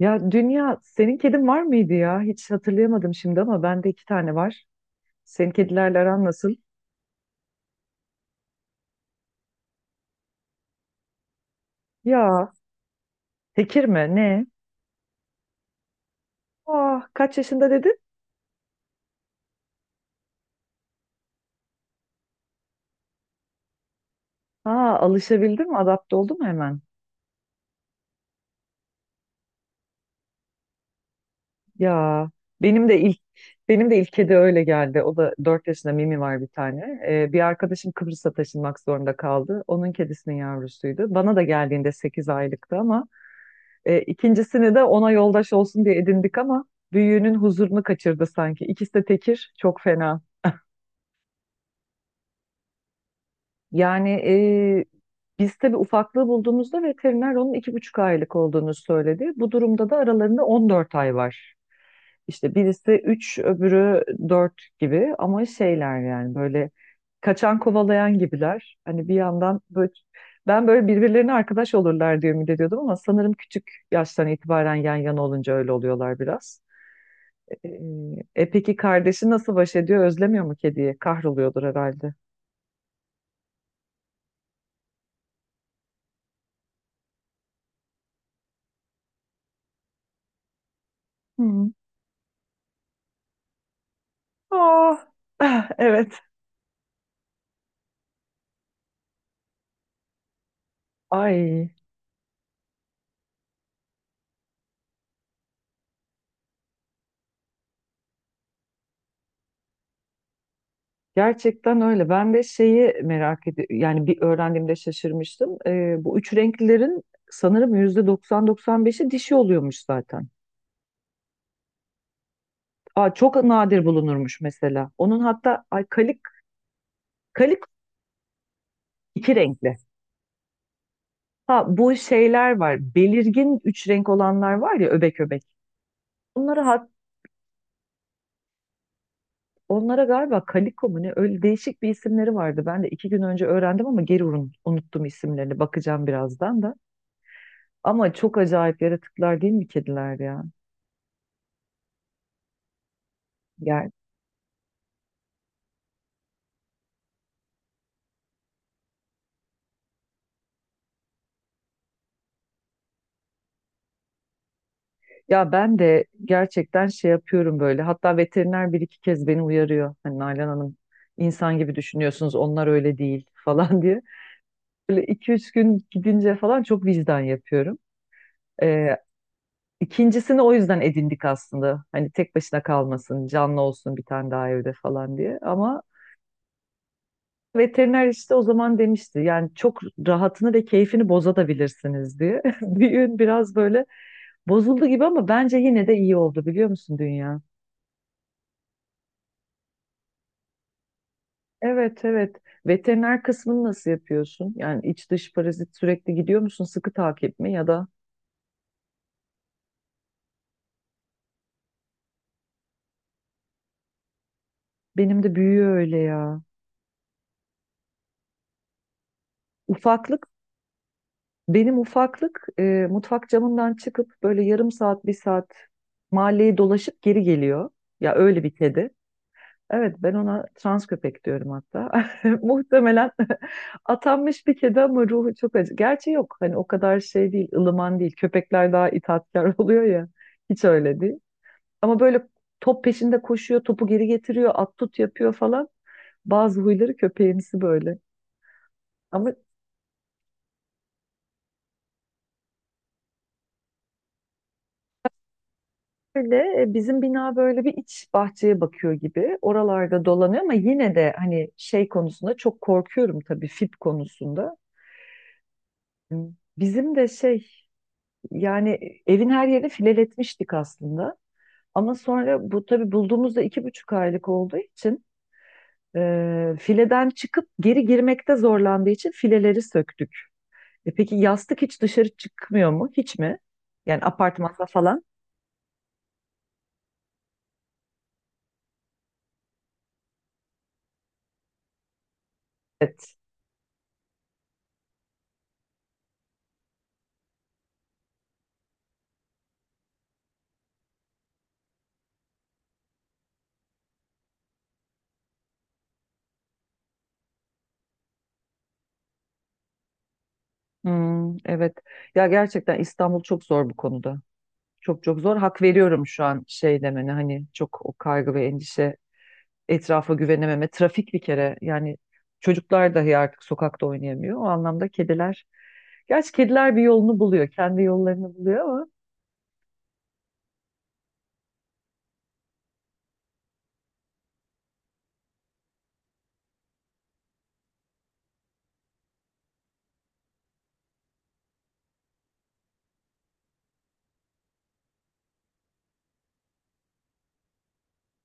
Ya Dünya, senin kedin var mıydı ya? Hiç hatırlayamadım şimdi ama bende iki tane var. Senin kedilerle aran nasıl? Ya, tekir mi? Ne? Ah, kaç yaşında dedin? Ha, alışabildim mi? Adapte oldu mu hemen? Ya, benim de ilk benim de ilk kedi öyle geldi. O da 4 yaşında Mimi var bir tane. Bir arkadaşım Kıbrıs'a taşınmak zorunda kaldı. Onun kedisinin yavrusuydu. Bana da geldiğinde 8 aylıktı ama... ikincisini de ona yoldaş olsun diye edindik ama büyüğünün huzurunu kaçırdı sanki. İkisi de tekir, çok fena. Yani biz tabii ufaklığı bulduğumuzda veteriner onun 2,5 aylık olduğunu söyledi. Bu durumda da aralarında 14 ay var. İşte birisi 3, öbürü 4 gibi ama şeyler, yani böyle kaçan kovalayan gibiler. Hani bir yandan böyle ben böyle birbirlerine arkadaş olurlar diye ümit ediyordum ama sanırım küçük yaştan itibaren yan yana olunca öyle oluyorlar biraz. Ee, E peki, kardeşi nasıl baş ediyor? Özlemiyor mu kediyi? Kahroluyordur herhalde. Hı. Ah, ah, evet. Ay, gerçekten öyle. Ben de şeyi merak ediyorum. Yani bir öğrendiğimde şaşırmıştım. Bu üç renklilerin sanırım yüzde 90-95'i dişi oluyormuş zaten. Aa, çok nadir bulunurmuş mesela. Onun hatta, ay, kalik iki renkli. Ha, bu şeyler var. Belirgin üç renk olanlar var ya, öbek öbek. Bunları Onlara galiba Kaliko mu ne, öyle değişik bir isimleri vardı. Ben de iki gün önce öğrendim ama geri unuttum isimlerini. Bakacağım birazdan da. Ama çok acayip yaratıklar değil mi kediler ya? Yani, ya ben de gerçekten şey yapıyorum böyle. Hatta veteriner bir iki kez beni uyarıyor. Hani Nalan Hanım, insan gibi düşünüyorsunuz, onlar öyle değil falan diye. Böyle iki üç gün gidince falan çok vicdan yapıyorum. Ee, İkincisini o yüzden edindik aslında. Hani tek başına kalmasın, canlı olsun bir tane daha evde falan diye. Ama veteriner işte o zaman demişti, yani çok rahatını ve keyfini bozabilirsiniz diye. Düğün biraz böyle bozuldu gibi ama bence yine de iyi oldu, biliyor musun dünya? Evet, evet. Veteriner kısmını nasıl yapıyorsun? Yani iç dış parazit sürekli gidiyor musun? Sıkı takip mi ya da? Benim de büyüyor öyle ya. Ufaklık, benim ufaklık mutfak camından çıkıp böyle yarım saat bir saat mahalleyi dolaşıp geri geliyor. Ya, öyle bir kedi. Evet, ben ona trans köpek diyorum hatta. Muhtemelen atanmış bir kedi ama ruhu çok acı. Gerçi yok, hani o kadar şey değil, ılıman değil. Köpekler daha itaatkar oluyor ya. Hiç öyle değil. Ama böyle top peşinde koşuyor, topu geri getiriyor, at tut yapıyor falan. Bazı huyları köpeğimsi böyle. Ama böyle bizim bina böyle bir iç bahçeye bakıyor gibi. Oralarda dolanıyor ama yine de hani şey konusunda çok korkuyorum tabii, fit konusunda. Bizim de şey. Yani evin her yerini fileletmiştik aslında. Ama sonra bu, tabii bulduğumuzda 2,5 aylık olduğu için fileden çıkıp geri girmekte zorlandığı için fileleri söktük. E, peki yastık hiç dışarı çıkmıyor mu? Hiç mi? Yani apartmanda falan? Evet. Hmm, evet. Ya, gerçekten İstanbul çok zor bu konuda. Çok çok zor. Hak veriyorum şu an şey demene, hani çok o kaygı ve endişe, etrafa güvenememe, trafik bir kere, yani çocuklar dahi artık sokakta oynayamıyor. O anlamda kediler, gerçi kediler bir yolunu buluyor, kendi yollarını buluyor ama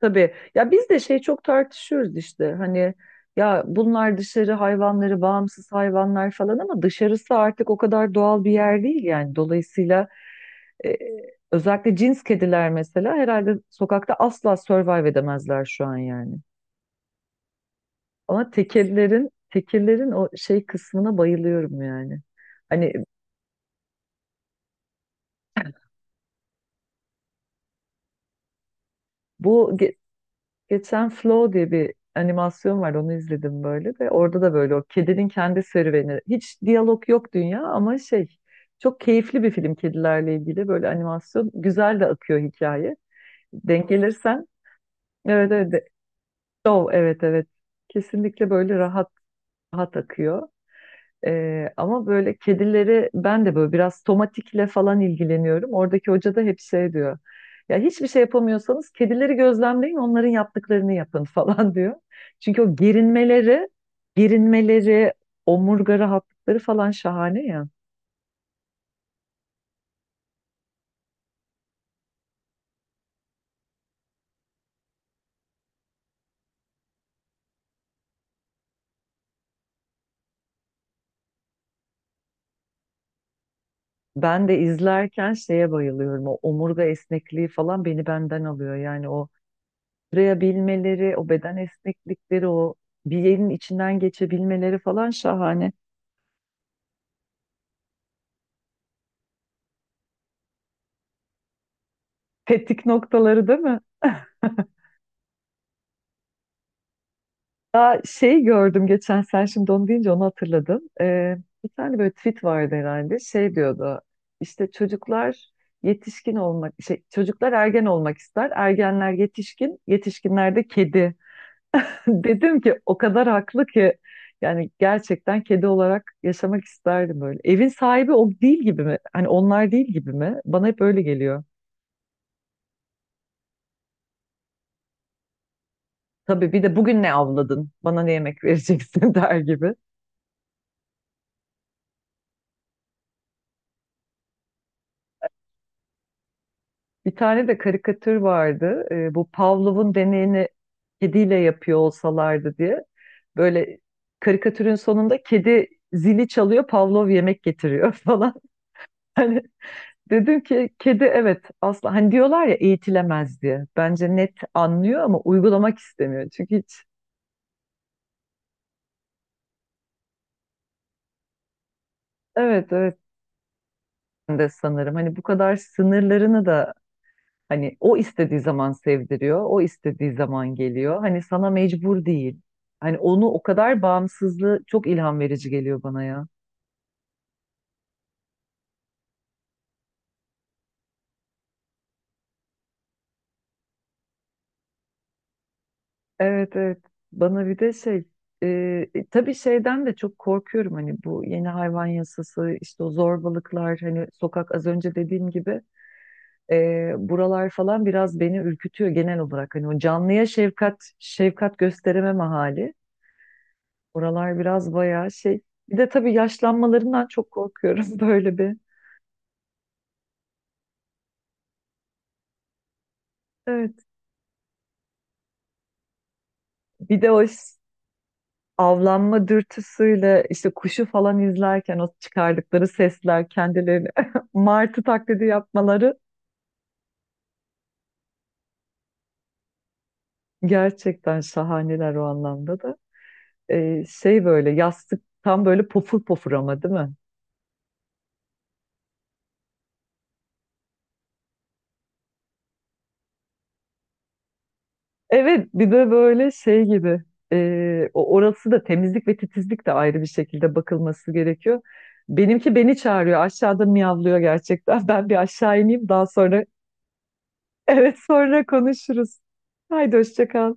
tabii ya, biz de şey çok tartışıyoruz işte, hani ya bunlar dışarı hayvanları, bağımsız hayvanlar falan ama dışarısı artık o kadar doğal bir yer değil yani. Dolayısıyla e, özellikle cins kediler mesela herhalde sokakta asla survive edemezler şu an yani. Ama tekellerin o şey kısmına bayılıyorum yani. Hani bu geçen Flow diye bir animasyon var, onu izledim böyle de, orada da böyle o kedinin kendi serüveni. Hiç diyalog yok dünya ama şey, çok keyifli bir film, kedilerle ilgili böyle animasyon. Güzel de akıyor hikaye. Denk gelirsen evet, evet, Flow, evet, evet, kesinlikle böyle rahat rahat akıyor. Ama böyle kedileri ben de böyle biraz tomatikle falan ilgileniyorum. Oradaki hoca da hep şey diyor. Ya hiçbir şey yapamıyorsanız kedileri gözlemleyin, onların yaptıklarını yapın falan diyor. Çünkü o gerinmeleri, omurga rahatlıkları falan şahane ya. Ben de izlerken şeye bayılıyorum. O omurga esnekliği falan beni benden alıyor. Yani o sürebilmeleri, o beden esneklikleri, o bir yerin içinden geçebilmeleri falan şahane. Tetik noktaları, değil mi? Ya şey gördüm geçen, sen şimdi onu deyince onu hatırladım. Bir tane böyle tweet vardı herhalde. Şey diyordu. İşte çocuklar yetişkin olmak, şey, çocuklar ergen olmak ister. Ergenler yetişkin, yetişkinler de kedi. Dedim ki o kadar haklı ki, yani gerçekten kedi olarak yaşamak isterdim böyle. Evin sahibi o değil gibi mi? Hani onlar değil gibi mi? Bana hep öyle geliyor. Tabii bir de bugün ne avladın? Bana ne yemek vereceksin der gibi. Bir tane de karikatür vardı. Bu Pavlov'un deneyini kediyle yapıyor olsalardı diye. Böyle karikatürün sonunda kedi zili çalıyor, Pavlov yemek getiriyor falan. Dedim ki kedi, evet asla, hani diyorlar ya eğitilemez diye. Bence net anlıyor ama uygulamak istemiyor. Çünkü hiç evet, evet, ben de sanırım hani bu kadar sınırlarını da, hani o istediği zaman sevdiriyor, o istediği zaman geliyor. Hani sana mecbur değil. Hani onu, o kadar bağımsızlığı çok ilham verici geliyor bana ya. Evet, evet. Bana bir de şey, tabii şeyden de çok korkuyorum, hani bu yeni hayvan yasası, işte o zorbalıklar, hani sokak az önce dediğim gibi buralar falan biraz beni ürkütüyor genel olarak. Hani o canlıya şefkat şefkat gösterememe hali. Oralar biraz bayağı şey. Bir de tabii yaşlanmalarından çok korkuyorum böyle bir. Evet. Bir de o avlanma dürtüsüyle işte kuşu falan izlerken o çıkardıkları sesler, kendilerini martı taklidi yapmaları gerçekten şahaneler o anlamda da. Şey, böyle yastık tam böyle pofur pofur ama, değil mi? Evet, bir de böyle şey gibi, o orası da temizlik ve titizlik de ayrı bir şekilde bakılması gerekiyor. Benimki beni çağırıyor, aşağıda miyavlıyor gerçekten ben bir aşağı ineyim, daha sonra evet sonra konuşuruz. Haydi, hoşça kal.